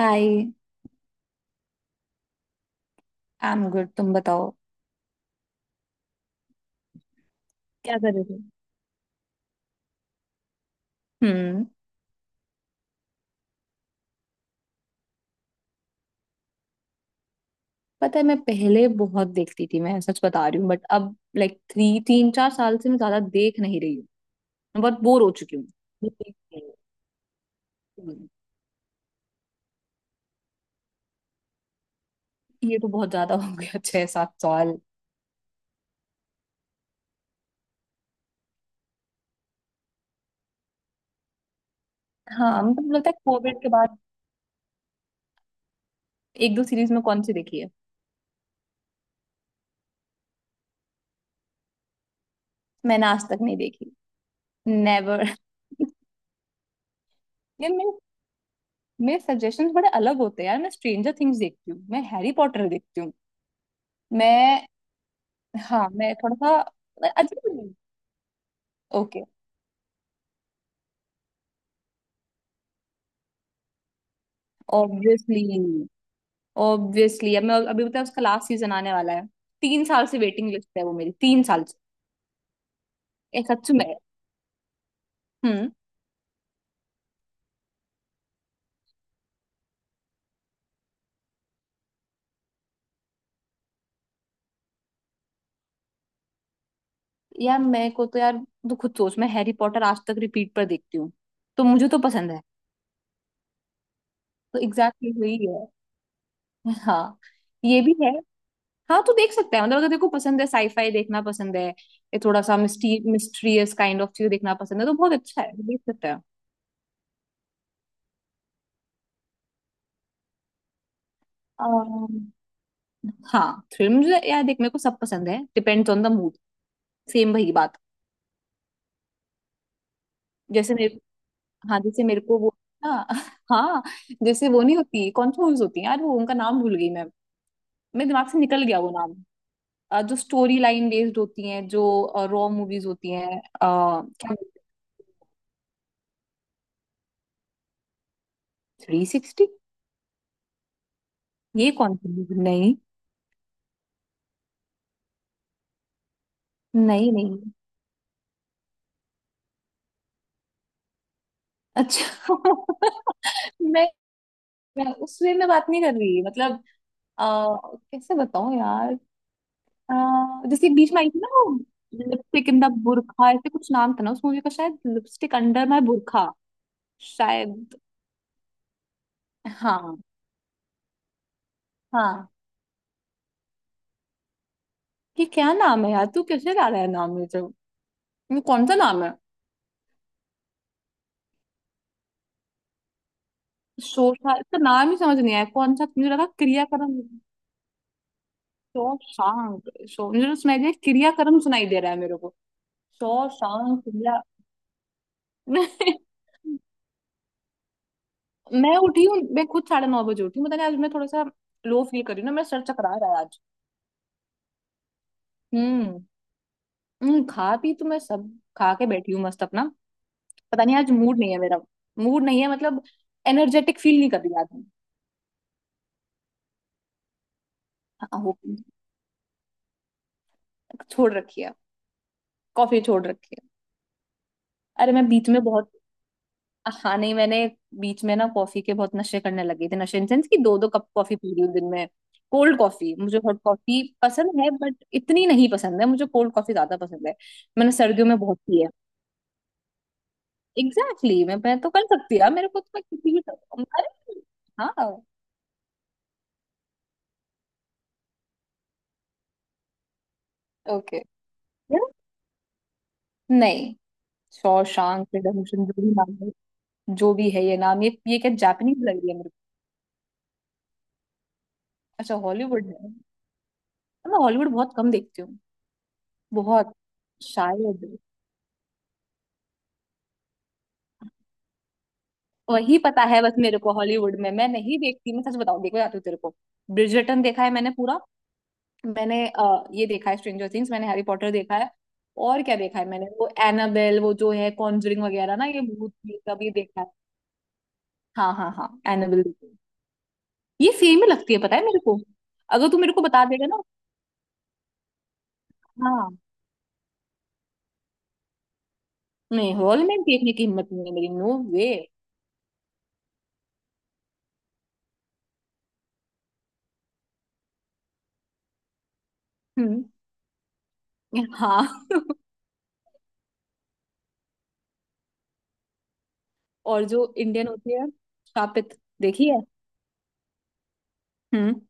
Hi. I am good, तुम बताओ। क्या कर रहे थे? हम्म। पता है, मैं पहले बहुत देखती थी, मैं सच बता रही हूँ, बट अब लाइक थ्री तीन चार साल से मैं ज्यादा देख नहीं रही हूँ। मैं बहुत बोर हो चुकी हूँ। हम्म। हम्म, ये तो बहुत ज्यादा हो गया, 6-7 साल। हाँ, मतलब लगता है कोविड के बाद। एक दो सीरीज में कौन सी देखी है? मैंने आज तक नहीं देखी। नेवर। यार, मेरे मेरे सजेशंस बड़े अलग होते हैं यार। मैं स्ट्रेंजर थिंग्स देखती हूँ, मैं हैरी पॉटर देखती हूँ। मैं हाँ, मैं थोड़ा सा, मैं अजीब हूँ। ओके। ऑब्वियसली, ऑब्वियसली अब मैं अभी बताया उसका लास्ट सीजन आने वाला है। 3 साल से वेटिंग लिस्ट है वो मेरी, 3 साल से। ये सच में। हम्म। यार, मैं को तो यार, तू खुद सोच, मैं हैरी पॉटर आज तक रिपीट पर देखती हूँ, तो मुझे तो पसंद है। तो एग्जैक्टली exactly वही है। हाँ, ये भी है। हाँ, तू देख सकता है, मतलब अगर तेरे को पसंद है, साईफाई देखना पसंद है, ये थोड़ा सा मिस्टी मिस्ट्रियस काइंड ऑफ चीज देखना पसंद है, तो बहुत अच्छा है, देख सकता है। अम्म, हाँ, थ्रिल मुझे, यार देख, मेरे को सब पसंद है, depends on the mood. Same वही बात। जैसे मेरे हाँ, जैसे मेरे को वो, हाँ हाँ, जैसे वो नहीं होती कौन सी मूवीज होती है यार, वो उनका नाम भूल गई मैं, मेरे दिमाग से निकल गया वो नाम। जो स्टोरी लाइन बेस्ड होती हैं, जो रॉ मूवीज होती हैं, क्या? Three sixty? ये कौन सी movie? नहीं। नहीं नहीं। अच्छा। मैं, मैं उसमें मैं बात नहीं कर रही, मतलब कैसे बताऊं यार, अ, जैसे बीच में आई थी ना वो, लिपस्टिक इन द बुरखा, ऐसे कुछ नाम था ना उस मूवी का, शायद लिपस्टिक अंडर माय बुरखा। शायद। हाँ। हाँ, ये क्या नाम है यार? तू कैसे ला रहा है नाम? ये जो, ये कौन सा नाम है? शोशांक, इसका नाम ही समझ नहीं आया, कौन सा? मुझे लगा क्रियाकर्म। शोशांक शो, मुझे तो सुनाई दिया क्रियाकर्म, सुनाई दे रहा है मेरे को शोशांक क्रिया। मैं उठी हूँ, मैं खुद 9:30 बजे उठी हूँ, पता नहीं आज मैं थोड़ा सा लो फील कर रही हूँ ना, मेरा सर चकरा रहा है आज। हम्म। खा पी तो मैं सब, खा के बैठी हूँ मस्त अपना। पता नहीं आज मूड नहीं है मेरा, मूड नहीं है मतलब, एनर्जेटिक फील नहीं कर रही आज मैं। हाँ, हो छोड़ रखी है। कॉफी छोड़ रखी है। अरे, मैं बीच में बहुत, हाँ नहीं, मैंने बीच में ना कॉफी के बहुत नशे करने लगी थी, नशे इन सेंस की, दो दो कप कॉफी पी रही हूँ दिन में। कोल्ड कॉफी, मुझे हॉट कॉफी पसंद है बट इतनी नहीं पसंद है मुझे, कोल्ड कॉफी ज्यादा पसंद है। मैंने सर्दियों में बहुत पी है। एग्जैक्टली exactly, मैं तो कर सकती हूँ यार, मेरे को तो, मैं किसी भी, अरे हाँ, ओके। नहीं। शॉशांक रिडेम्पशन, जो भी नाम है, जो भी है ये नाम, ये क्या जापानीज लग रही है मेरे को। अच्छा, हॉलीवुड है। मैं हॉलीवुड बहुत कम देखती हूँ, बहुत। शायद वही, पता है बस, मेरे को हॉलीवुड में मैं नहीं देखती, मैं सच बताऊँ, देखो, जाती हूँ तेरे को। ब्रिजर्टन देखा है मैंने पूरा। मैंने ये देखा है स्ट्रेंजर थिंग्स, मैंने हैरी पॉटर देखा है। और क्या देखा है मैंने, वो एनाबेल, वो जो है कॉन्जरिंग वगैरह ना, ये भूत, ये सब ये देखा है। हाँ हाँ हाँ, एनाबेल देखी है। ये सेम ही लगती है पता है मेरे को। अगर तू मेरे को बता देगा ना, हाँ। नहीं, हॉल में देखने की हिम्मत नहीं है मेरी, नो वे। हम्म। हाँ। और जो इंडियन होती है, शापित देखी है। हम्म।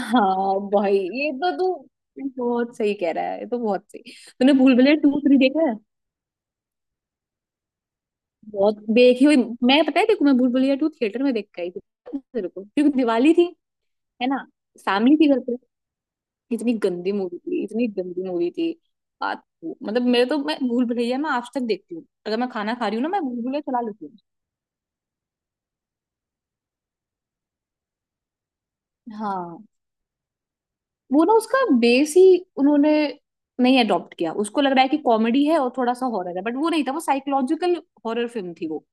हाँ भाई, ये तो तू बहुत सही कह रहा है, ये तो बहुत सही। तूने भूल भुलैया टू थ्री देखा है? बहुत देखी हुई। मैं पता है देखो, मैं भूल भुलैया टू थिएटर में देख के आई थी, पता है तेरे को, क्योंकि दिवाली थी, है ना, फैमिली थी घर पे। इतनी गंदी मूवी थी, इतनी गंदी मूवी थी। आ, मतलब मेरे तो, मैं भूल भुलैया मैं आज तक देखती हूँ, अगर मैं खाना खा रही हूँ ना, मैं भूल भुलैया चला लेती हूँ। हाँ, वो ना उसका बेस ही उन्होंने नहीं अडॉप्ट किया, उसको लग रहा है कि कॉमेडी है और थोड़ा सा हॉरर है, बट वो नहीं था, वो साइकोलॉजिकल हॉरर फिल्म थी वो।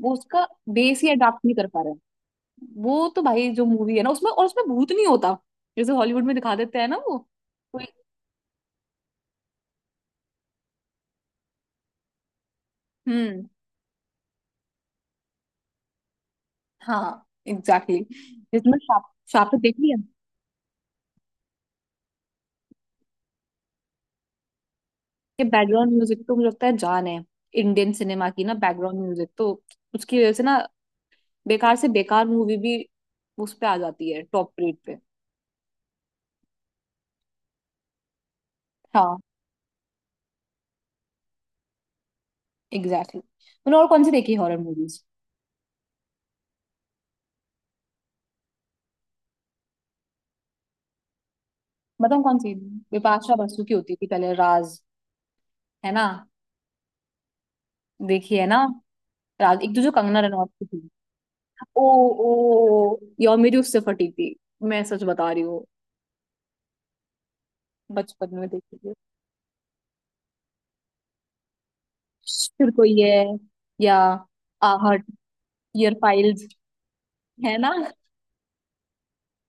वो उसका बेस ही अडॉप्ट नहीं कर पा रहे हैं। वो तो भाई, जो मूवी है ना उसमें, और उसमें भूत नहीं होता, जैसे हॉलीवुड में दिखा देते हैं ना वो, कोई- हम्म हाँ एग्जैक्टली exactly। जिसमें शाप शाप देख लिया कि, बैकग्राउंड म्यूजिक तो मुझे लगता है जान है इंडियन सिनेमा की ना, बैकग्राउंड म्यूजिक तो, उसकी वजह से ना बेकार से बेकार मूवी भी उस पे आ जाती है टॉप रेट पे। हाँ। Exactly exactly। मैंने और कौन सी देखी हॉरर मूवीज? बताऊँ कौन सी, बिपाशा बसु की होती थी पहले, राज, है ना, देखी है ना। राज एक तो जो कंगना रनौत की थी, ओ ओ यो मेरी उससे फटी थी, मैं सच बता रही हूँ, बचपन में देखी थी। फिर कोई है या आहट, ईयर फाइल्स, है ना।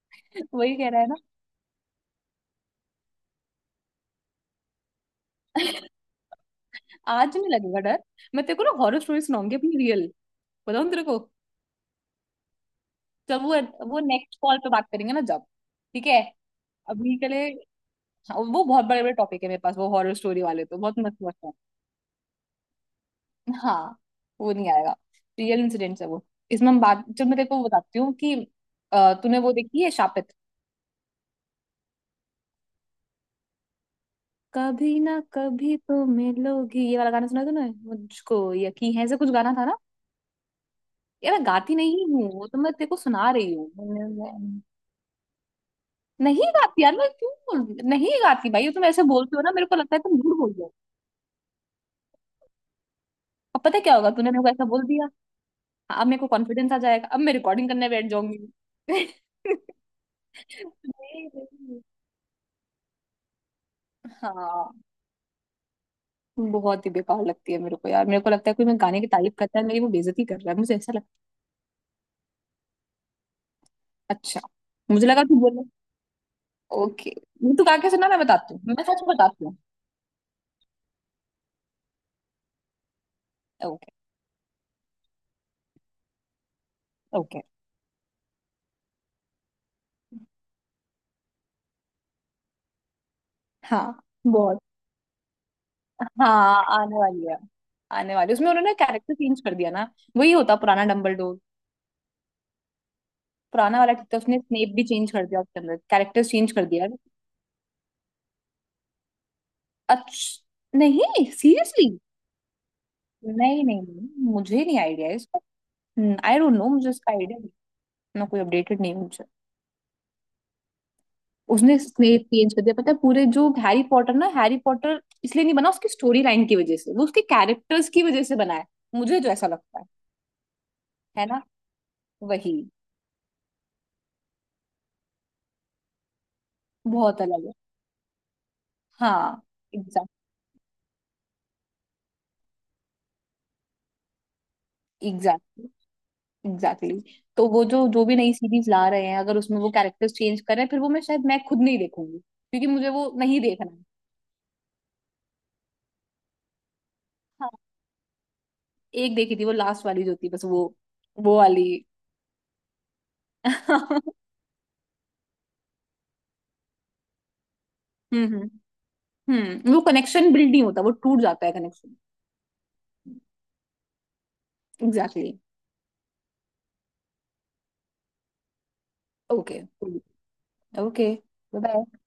वही कह रहा है ना। आज नहीं लगेगा डर, मैं तेरे को ना हॉरर स्टोरी सुनाऊंगी अपनी, रियल। बताऊँ तेरे को, जब वो नेक्स्ट कॉल पे बात करेंगे ना, जब ठीक है, अभी के लिए। हाँ, वो बहुत बड़े बड़े टॉपिक है, मेरे पास वो हॉरर स्टोरी वाले तो बहुत मस्त मस्त है। हाँ, वो नहीं आएगा। रियल इंसिडेंट्स है वो। इसमें हम बात चल, मैं तेरे को बताती हूँ कि तूने वो देखी है शापित? कभी ना कभी तो मिलोगी, ये वाला गाना सुना तूने, मुझको यकीन है ऐसा कुछ गाना था ना। यार, मैं गाती नहीं हूँ, वो तो मैं तेरे को सुना रही हूँ, नहीं गाती यार, मैं क्यों? नहीं गाती भाई, तुम ऐसे बोलते हो ना, मेरे को लगता है तुम झूठ बोल रहे हो। अब पता है क्या होगा, तूने मेरे को ऐसा बोल दिया, हाँ, अब मेरे को कॉन्फिडेंस आ जाएगा, अब मैं रिकॉर्डिंग करने बैठ जाऊंगी। नहीं, हाँ, बहुत ही बेकार लगती है मेरे को यार, मेरे को लगता है कोई मैं गाने की तारीफ करता है मेरी, वो बेइज्जती कर रहा है मुझे ऐसा लगता है। अच्छा। मुझे लगा तू बोल, ओके। तू गा के सुना, मैं बताती हूँ, मैं सच में बताती हूँ। ओके। ओके। हाँ, बहुत। हाँ, आने वाली है, आने वाली है। उसमें उन्होंने कैरेक्टर चेंज कर दिया ना, वही होता पुराना डम्बलडोर। पुराना वाला ठीक था, उसने स्नेप भी चेंज कर दिया, उसके अंदर कैरेक्टर चेंज कर दिया। अच्छा, नहीं, सीरियसली? नहीं नहीं नहीं, मुझे नहीं आइडिया है इसका। आई डोंट नो, मुझे इसका आइडिया नहीं, ना कोई अपडेटेड नहीं है मुझे। उसने स्नेप चेंज कर दिया पता है, पूरे जो हैरी पॉटर ना, हैरी पॉटर इसलिए नहीं बना उसकी स्टोरी लाइन की वजह से, वो उसके कैरेक्टर्स की वजह से बना है। मुझे जो ऐसा लगता है ना, वही बहुत अलग है। हाँ एग्जैक्ट एग्जैक्टली। एग्जैक्टली। तो वो जो जो भी नई सीरीज ला रहे हैं, अगर उसमें वो कैरेक्टर्स चेंज करें, फिर वो मैं शायद, मैं खुद नहीं देखूंगी, क्योंकि मुझे वो नहीं देखना है। हाँ, एक देखी थी वो लास्ट वाली जो थी बस, वो वाली। हम्म। हम्म। हम्म, वो कनेक्शन बिल्ड नहीं होता, वो टूट जाता है connection. Exactly. Okay. Okay. Bye bye.